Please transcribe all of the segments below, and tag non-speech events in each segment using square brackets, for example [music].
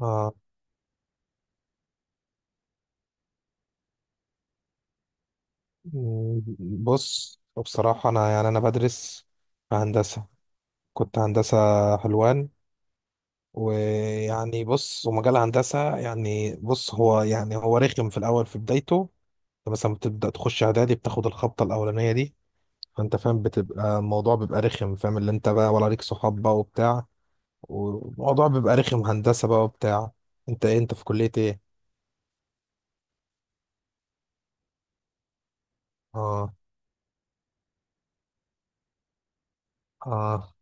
آه. م- بص، بصراحة يعني أنا بدرس في هندسة، كنت هندسة حلوان. ويعني بص، ومجال هندسة يعني، بص، يعني هو رخم في الأول، في بدايته. أنت مثلا بتبدأ تخش إعدادي، بتاخد الخبطة الأولانية دي، فأنت فاهم بتبقى الموضوع بيبقى رخم، فاهم اللي أنت بقى، ولا ليك صحاب بقى وبتاع، والموضوع بيبقى رخم هندسة بقى وبتاع. أنت في كلية إيه؟ آه، آه،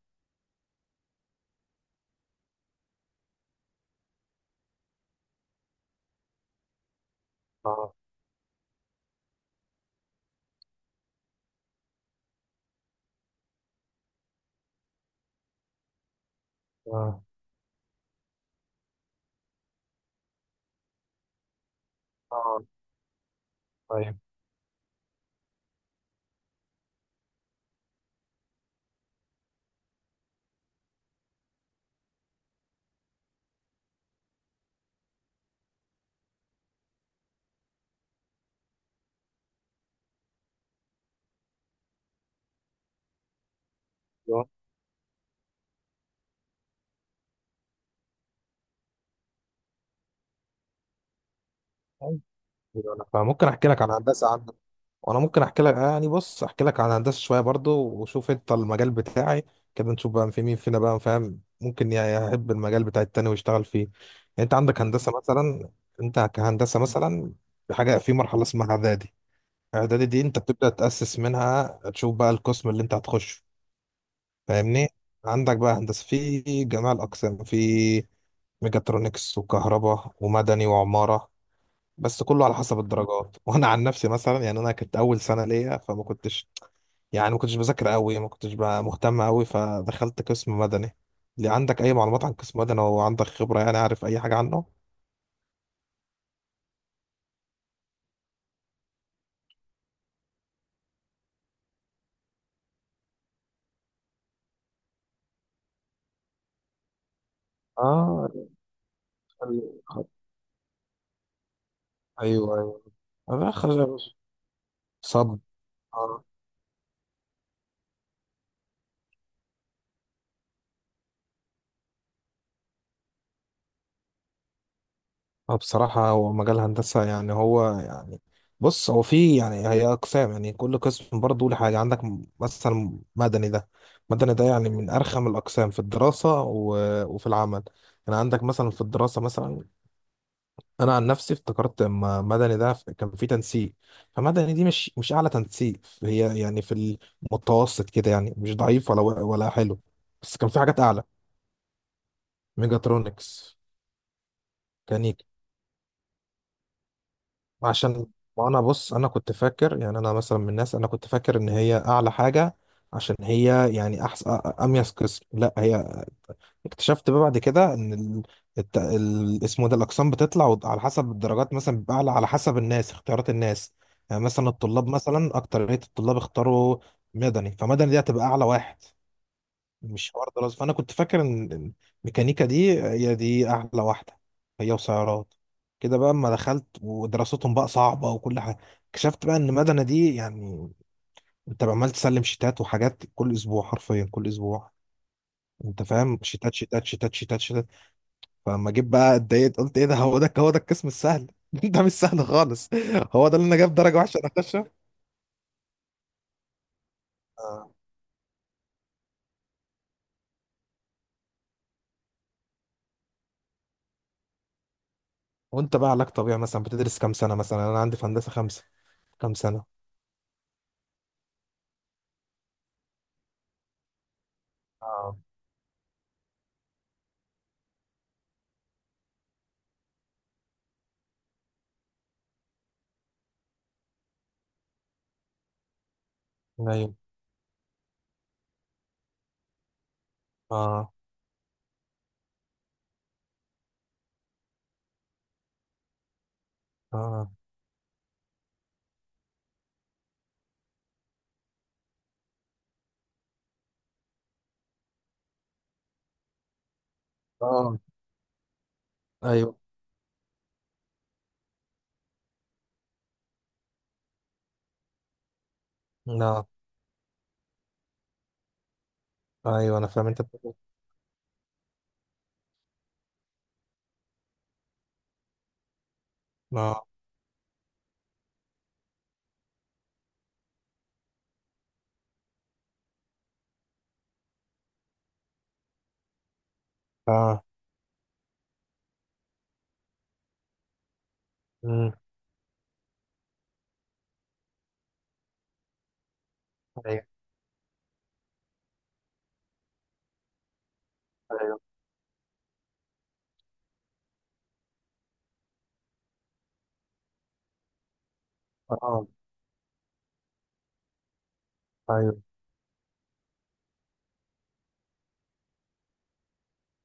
آه، آه، آه. طيب. أيوة، أنا فممكن احكي لك عن هندسه عندك، وانا ممكن احكي لك، يعني بص، احكي لك عن هندسه شويه برضو، وشوف انت المجال بتاعي كده، نشوف بقى في مين فينا بقى، فاهم، ممكن يحب المجال بتاع التاني ويشتغل فيه يعني. انت عندك هندسه مثلا، انت كهندسه مثلا، في حاجه في مرحله اسمها اعدادي. اعدادي دي انت بتبدا تاسس منها، تشوف بقى القسم اللي انت هتخشه، فاهمني؟ عندك بقى هندسه في جميع الاقسام، في ميجاترونكس، وكهرباء، ومدني، وعماره، بس كله على حسب الدرجات. [laughs] وانا عن نفسي مثلا، يعني انا كنت اول سنه ليا، فما كنتش يعني، ما كنتش بذاكر قوي، ما كنتش بقى مهتم قوي، فدخلت قسم مدني. اللي عندك اي معلومات عن قسم مدني، او عندك خبره، يعني عارف اي حاجه عنه؟ اه. خل- خل- ايوه، ايوه، أنا خلاص يا باشا. صب. اه، بصراحة هو مجال هندسة يعني، هو يعني، بص هو في، يعني هي أقسام يعني، كل قسم برضه له حاجة عندك. مثلا مدني ده، مدني ده يعني من أرخم الأقسام في الدراسة و- وفي العمل. يعني عندك مثلا في الدراسة مثلا، أنا عن نفسي افتكرت لما مدني ده، كان في تنسيق، فمدني دي مش أعلى تنسيق، هي يعني في المتوسط كده، يعني مش ضعيف ولا حلو، بس كان في حاجات أعلى، ميجاترونكس، ميكانيكا. عشان، وانا بص، انا كنت فاكر يعني، انا مثلا من الناس، انا كنت فاكر ان هي اعلى حاجه، عشان هي يعني احسن، اميز قسم. لا، هي اكتشفت بقى بعد كده ان اسمه ده، الاقسام بتطلع على حسب الدرجات، مثلا بيبقى اعلى على حسب الناس، اختيارات الناس. يعني مثلا الطلاب مثلا، اكتريه الطلاب اختاروا مدني، فمدني دي هتبقى اعلى واحد، مش حوار دراسة. فأنا كنت فاكر إن الميكانيكا دي هي دي أحلى واحدة، هي وسيارات كده بقى. أما دخلت ودراستهم بقى صعبة وكل حاجة، اكتشفت بقى إن مدنة دي يعني، أنت عمال تسلم شيتات وحاجات كل أسبوع، حرفيا كل أسبوع. أنت فاهم، شيتات شيتات شيتات شيتات شيتات. فلما جيت بقى اتضايقت، قلت إيه ده، هو ده، هو ده القسم السهل؟ [laughs] ده مش سهل خالص، هو ده اللي أنا جايب درجة وحشة أنا أخشه. آه. وأنت بقى علاج طبيعي مثلا بتدرس كام سنة؟ مثلا أنا عندي في هندسة 5. كام سنة؟ اه، ايوه، اه، اه، اه، ايوه، لا، ايوه، انا فاهم انت بتقول. إيه. اه، اه، امم، ايوه، ايوه، اه، ايوه،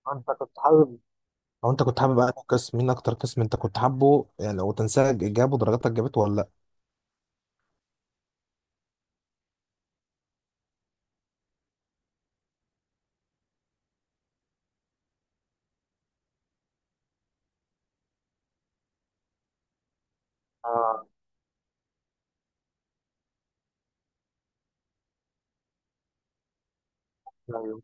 آه، انت كنت حابب، او انت كنت حابب انهي قسم، مين اكتر قسم انت كنت حابه؟ يعني لو تنساه، جابه درجاتك جابته ولا لا؟ اه، ايوه.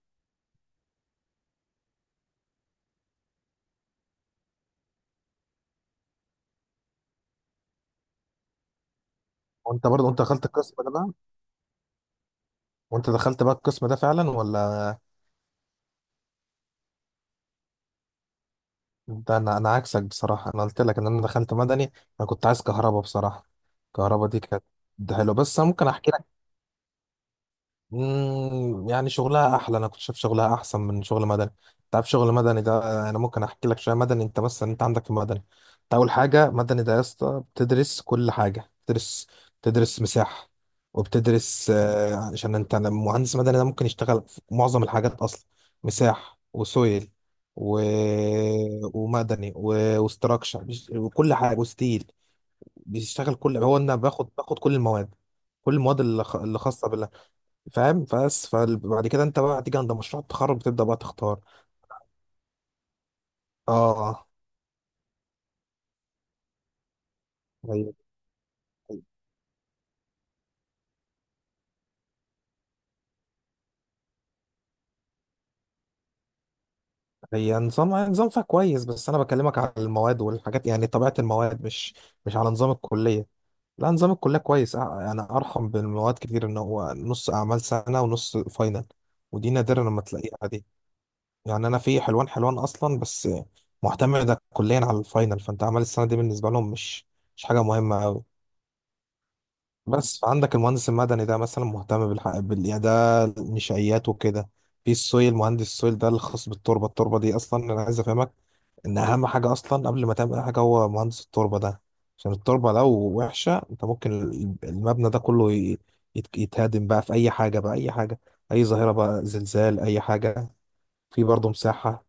وانت برضه انت دخلت القسم ده بقى، وانت دخلت بقى القسم ده فعلا ولا؟ انت انا انا عكسك بصراحه، انا قلت لك ان انا دخلت مدني، انا كنت عايز كهرباء بصراحه. كهرباء دي كانت حلوه، بس انا ممكن احكي لك. يعني شغلها احلى، انا كنت شايف شغلها احسن من شغل مدني. انت عارف شغل مدني ده؟ انا ممكن احكي لك شويه مدني. انت عندك في مدني، انت اول حاجه مدني ده يا اسطى، بتدرس كل حاجه، بتدرس، بتدرس مساحه، وبتدرس، عشان انت مهندس مدني ده ممكن يشتغل في معظم الحاجات اصلا. مساحه، وسويل، و... ومدني، وستراكشر، وكل حاجه، وستيل، بيشتغل كل هو. انا باخد كل المواد، كل المواد اللي خاصه، فاهم؟ بس فبعد كده انت بقى هتيجي عند مشروع التخرج بتبدأ بقى تختار. اه. هي هي نظام فيها كويس، بس انا بكلمك على المواد والحاجات، يعني طبيعة المواد، مش مش على نظام الكلية. لا، نظام الكلية كويس، اه، انا ارحم بالمواد كتير ان هو نص اعمال سنة ونص فاينل، ودي نادرة لما تلاقيها دي. يعني انا في حلوان اصلا بس، معتمدة كليا على الفاينل، فانت اعمال السنة دي بالنسبة لهم مش، مش حاجة مهمة أوي. بس فعندك المهندس المدني ده مثلا مهتم يعني ده النشائيات وكده. في السويل، مهندس السويل ده الخاص بالتربه. التربه دي اصلا انا عايز افهمك ان اهم حاجه اصلا قبل ما تعمل اي حاجه هو مهندس التربه ده، عشان التربه لو وحشه انت ممكن، المبنى ده كله يتهدم بقى في اي حاجه بقى، اي حاجه، اي ظاهره بقى، زلزال، اي حاجه. في برضه مساحه،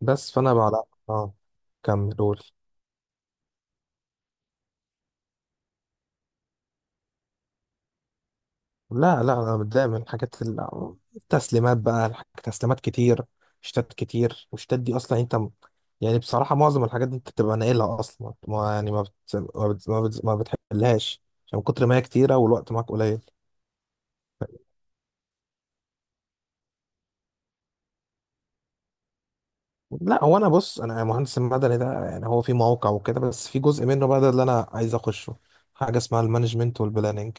بس. فانا بقى لا، اه، كمل قول. لا لا، انا متضايق من الحاجات، التسليمات بقى، تسليمات كتير، شتات كتير، والشتات دي اصلا انت، يعني بصراحه معظم الحاجات دي انت بتبقى ناقلها اصلا، ما يعني ما بت... ما, بت... ما, بت... ما, بتحلهاش، عشان من كتر ما هي كتيره والوقت معاك قليل. لا هو، انا مهندس المدني ده، يعني هو في موقع وكده، بس في جزء منه بقى ده اللي انا عايز اخشه، حاجه اسمها المانجمنت والبلاننج،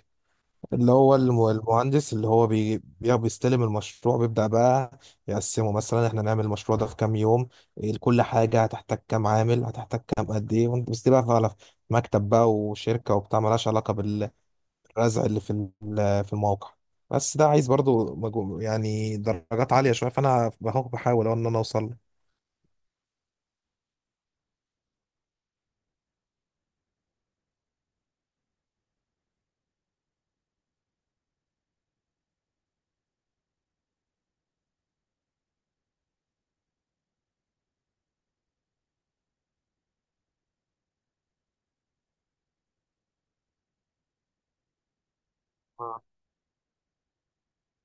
اللي هو، المهندس اللي هو بيستلم المشروع، بيبدأ بقى يقسمه، مثلا احنا نعمل المشروع ده في كام يوم، إيه كل حاجة، هتحتاج كام عامل، هتحتاج كام، قد ايه، وانت بس، دي بقى على مكتب بقى وشركة وبتاع، ملهاش علاقة بالرزع اللي في، في الموقع. بس ده عايز برضو، يعني درجات عالية شوية، فأنا بحاول أهو إن أنا أوصل له. اه،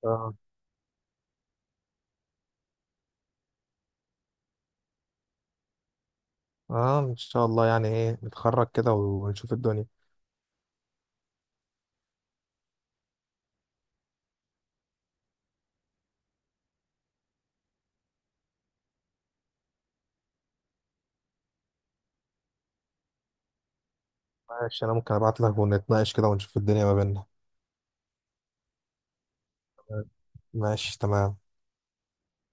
اه، آه، إن شاء الله يعني، إيه، نتخرج كده ونشوف الدنيا. ماشي، أنا ممكن أبعت لك ونتناقش كده ونشوف الدنيا ما بيننا. ماشي، تمام.